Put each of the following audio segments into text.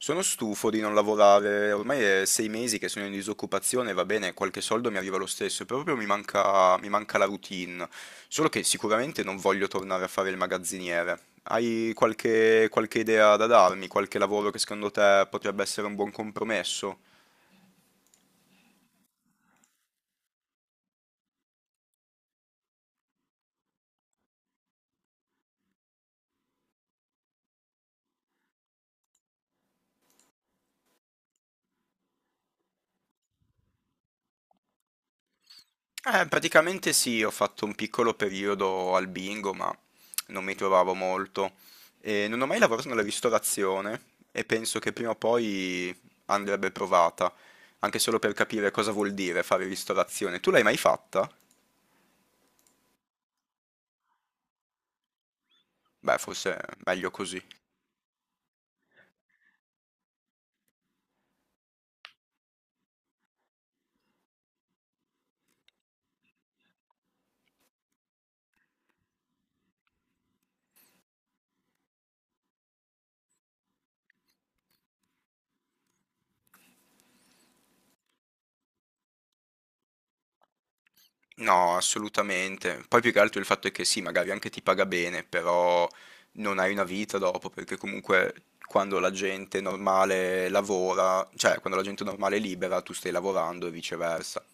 Sono stufo di non lavorare, ormai è 6 mesi che sono in disoccupazione, va bene, qualche soldo mi arriva lo stesso, proprio mi manca la routine, solo che sicuramente non voglio tornare a fare il magazziniere. Hai qualche idea da darmi, qualche lavoro che secondo te potrebbe essere un buon compromesso? Praticamente sì, ho fatto un piccolo periodo al bingo, ma non mi trovavo molto. E non ho mai lavorato nella ristorazione e penso che prima o poi andrebbe provata, anche solo per capire cosa vuol dire fare ristorazione. Tu l'hai mai fatta? Beh, forse è meglio così. No, assolutamente. Poi più che altro il fatto è che sì, magari anche ti paga bene, però non hai una vita dopo, perché comunque quando la gente normale lavora, cioè quando la gente normale è libera, tu stai lavorando e viceversa.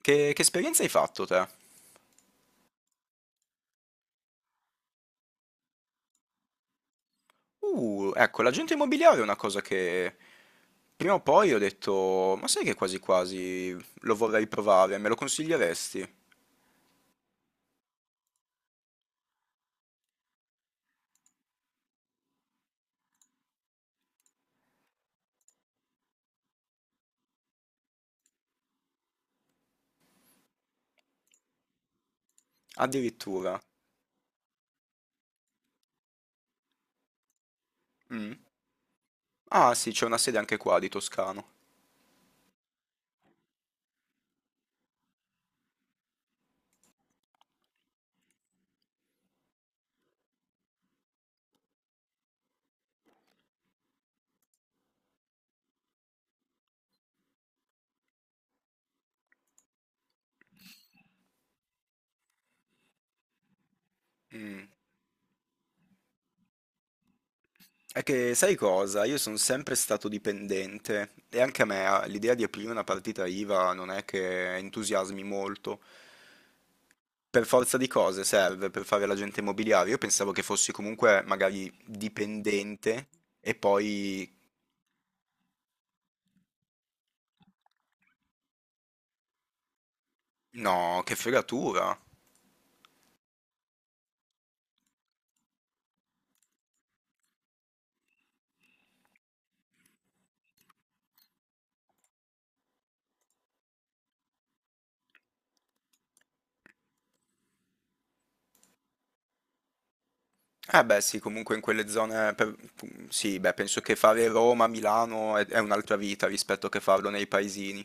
Che esperienza hai fatto te? Ecco, l'agente immobiliare è una cosa che prima o poi ho detto, ma sai che quasi quasi lo vorrei provare, me lo consiglieresti? Addirittura. Mm. Ah sì, c'è una sede anche qua di Toscano. Mm. È che sai cosa? Io sono sempre stato dipendente e anche a me l'idea di aprire una partita IVA non è che entusiasmi molto. Per forza di cose serve per fare l'agente immobiliare. Io pensavo che fossi comunque magari dipendente e poi. No, che fregatura. Eh beh sì, comunque in quelle zone. Sì, beh, penso che fare Roma, Milano è un'altra vita rispetto che farlo nei paesini.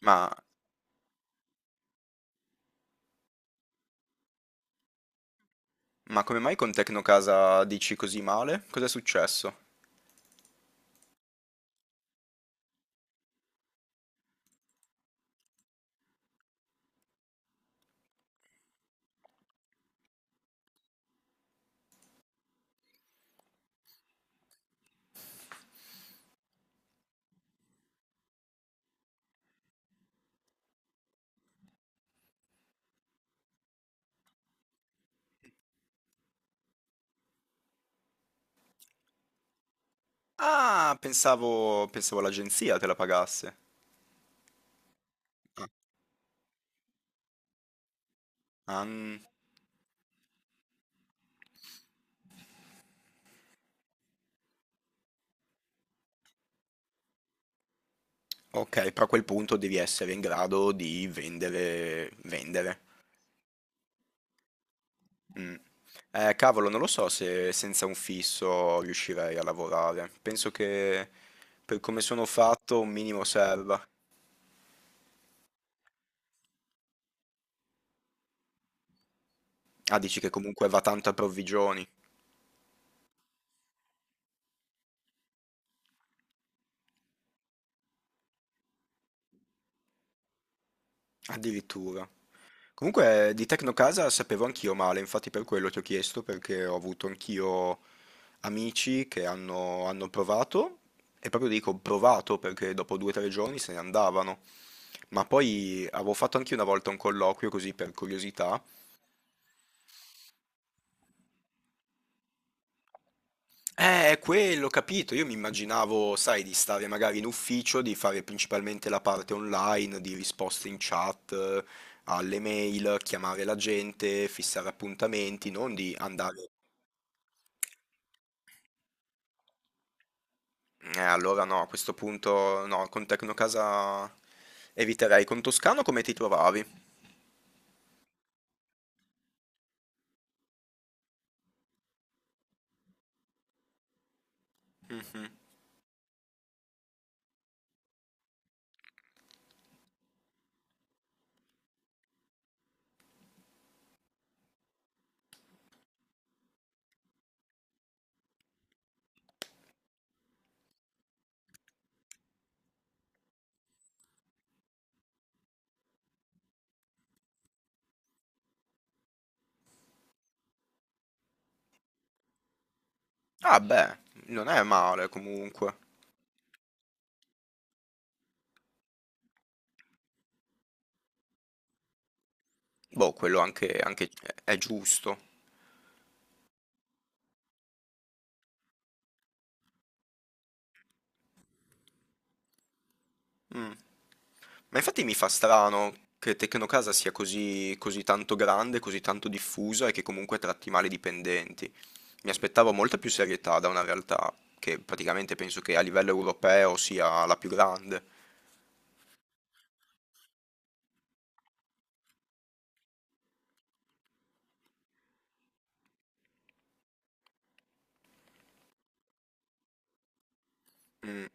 Ma, ma come mai con Tecnocasa dici così male? Cos'è successo? Ah, pensavo l'agenzia te la pagasse. Ah, ah, mm, ok, però a quel punto devi essere in grado di vendere, vendere. Mm. Cavolo, non lo so se senza un fisso riuscirei a lavorare. Penso che per come sono fatto un minimo serva. Ah, dici che comunque va tanto a provvigioni, addirittura. Comunque di Tecnocasa sapevo anch'io male, infatti per quello ti ho chiesto, perché ho avuto anch'io amici che hanno provato, e proprio dico provato perché dopo 2 o 3 giorni se ne andavano. Ma poi avevo fatto anche una volta un colloquio così per curiosità. È quello, capito. Io mi immaginavo, sai, di stare magari in ufficio, di fare principalmente la parte online, di risposte in chat, alle mail, chiamare la gente, fissare appuntamenti, non di andare. Allora no, a questo punto no, con Tecnocasa eviterei. Con Toscano come ti trovavi? Mhm. Ah beh, non è male comunque. Boh, quello anche è giusto. Mm. Ma infatti mi fa strano che Tecnocasa sia così, così tanto grande, così tanto diffusa e che comunque tratti male i dipendenti. Mi aspettavo molta più serietà da una realtà che praticamente penso che a livello europeo sia la più grande. Mm.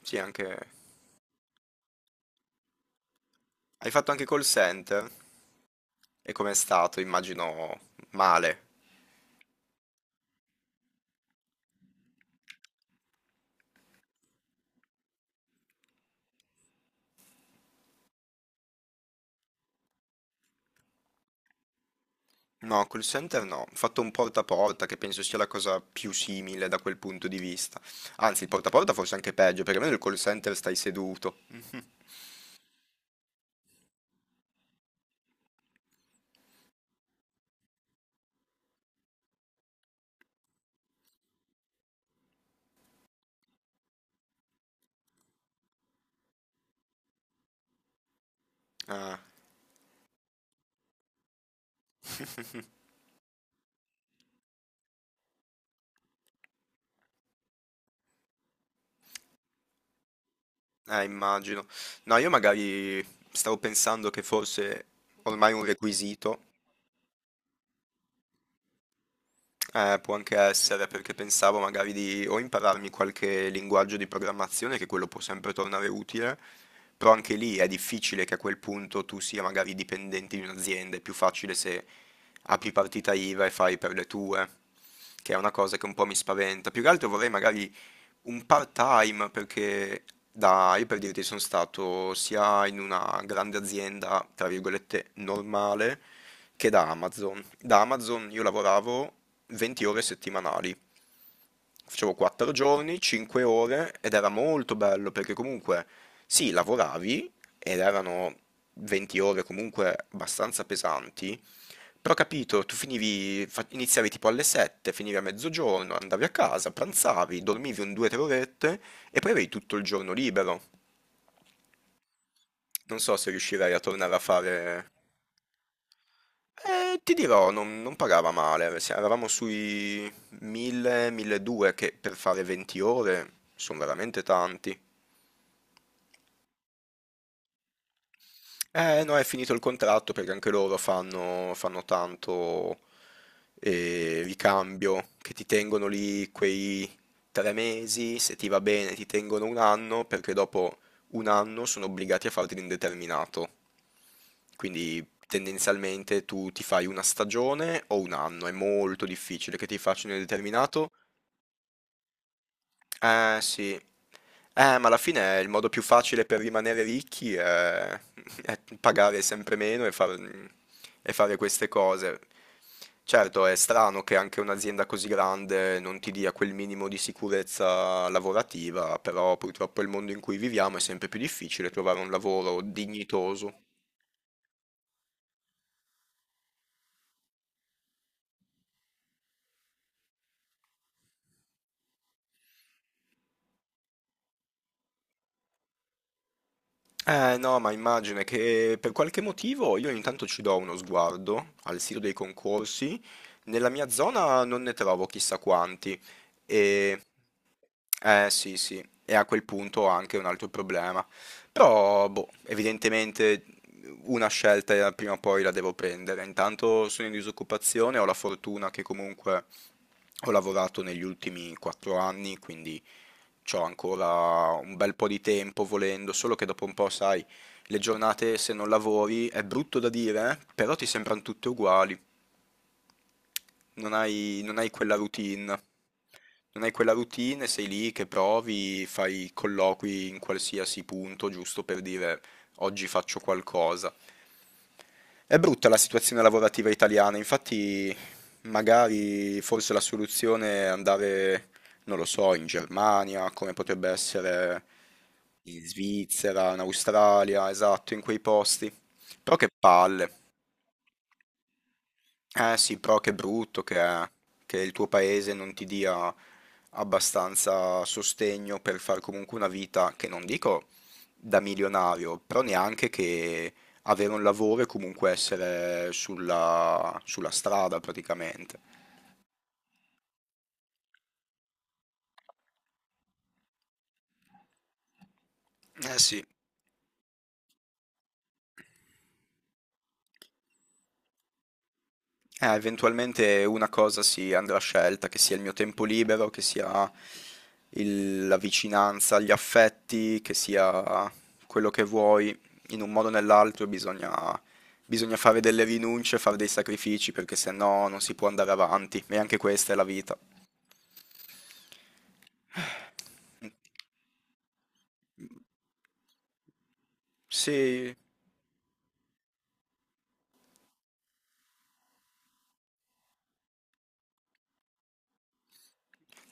Sì, anche. Hai fatto anche call center? E com'è stato? Immagino male. No, call center no. Ho fatto un porta a porta che penso sia la cosa più simile da quel punto di vista. Anzi, il porta a porta forse anche peggio, perché almeno il call center stai seduto. Ah, immagino. No, io magari stavo pensando che fosse ormai un requisito. Può anche essere perché pensavo magari di o impararmi qualche linguaggio di programmazione, che quello può sempre tornare utile, però anche lì è difficile che a quel punto tu sia magari dipendente di un'azienda, è più facile se apri partita IVA e fai per le tue, che è una cosa che un po' mi spaventa. Più che altro vorrei magari un part-time perché io per dirti sono stato sia in una grande azienda, tra virgolette, normale, che da Amazon. Da Amazon io lavoravo 20 ore settimanali, facevo 4 giorni, 5 ore ed era molto bello perché comunque sì, lavoravi ed erano 20 ore comunque abbastanza pesanti, però ho capito, tu finivi, iniziavi tipo alle 7, finivi a mezzogiorno, andavi a casa, pranzavi, dormivi un 2-3 orette e poi avevi tutto il giorno libero. Non so se riuscirei a tornare a fare. Ti dirò, non pagava male, eravamo sui 1000-1200 che per fare 20 ore sono veramente tanti. No, è finito il contratto perché anche loro fanno tanto ricambio, che ti tengono lì quei 3 mesi, se ti va bene ti tengono un anno, perché dopo un anno sono obbligati a farti l'indeterminato. Quindi tendenzialmente tu ti fai una stagione o un anno, è molto difficile che ti facciano l'indeterminato. Eh sì, ma alla fine il modo più facile per rimanere ricchi è, è pagare sempre meno e fare queste cose. Certo, è strano che anche un'azienda così grande non ti dia quel minimo di sicurezza lavorativa, però purtroppo il mondo in cui viviamo è sempre più difficile trovare un lavoro dignitoso. Eh no, ma immagina che per qualche motivo io intanto ci do uno sguardo al sito dei concorsi, nella mia zona non ne trovo chissà quanti e eh sì, sì, e a quel punto anche un altro problema. Però, boh, evidentemente una scelta prima o poi la devo prendere. Intanto sono in disoccupazione, ho la fortuna che comunque ho lavorato negli ultimi 4 anni, quindi ho ancora un bel po' di tempo volendo, solo che dopo un po', sai, le giornate se non lavori è brutto da dire, però ti sembrano tutte uguali, non hai quella routine. Non hai quella routine, sei lì che provi, fai colloqui in qualsiasi punto, giusto per dire oggi faccio qualcosa. È brutta la situazione lavorativa italiana, infatti magari forse la soluzione è andare, non lo so, in Germania, come potrebbe essere in Svizzera, in Australia, esatto, in quei posti. Però che palle. Eh sì, però che brutto che è che il tuo paese non ti dia abbastanza sostegno per far comunque una vita che non dico da milionario, però neanche che avere un lavoro e comunque essere sulla strada praticamente. Eh sì. Eventualmente una cosa sì, andrà scelta, che sia il mio tempo libero, che sia la vicinanza agli affetti, che sia quello che vuoi, in un modo o nell'altro bisogna fare delle rinunce, fare dei sacrifici, perché se no non si può andare avanti, e anche questa è la vita. Sì.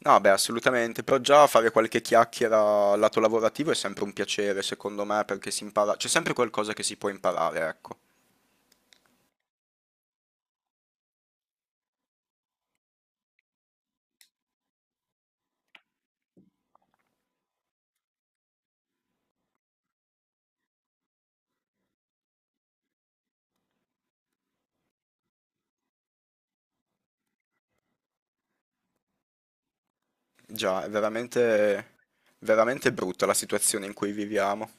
No, beh, assolutamente, però già fare qualche chiacchiera lato lavorativo è sempre un piacere, secondo me, perché si impara, c'è sempre qualcosa che si può imparare, ecco. Già, è veramente, veramente brutta la situazione in cui viviamo.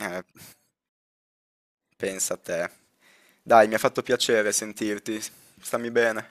Eh, pensa a te. Dai, mi ha fatto piacere sentirti. Stammi bene.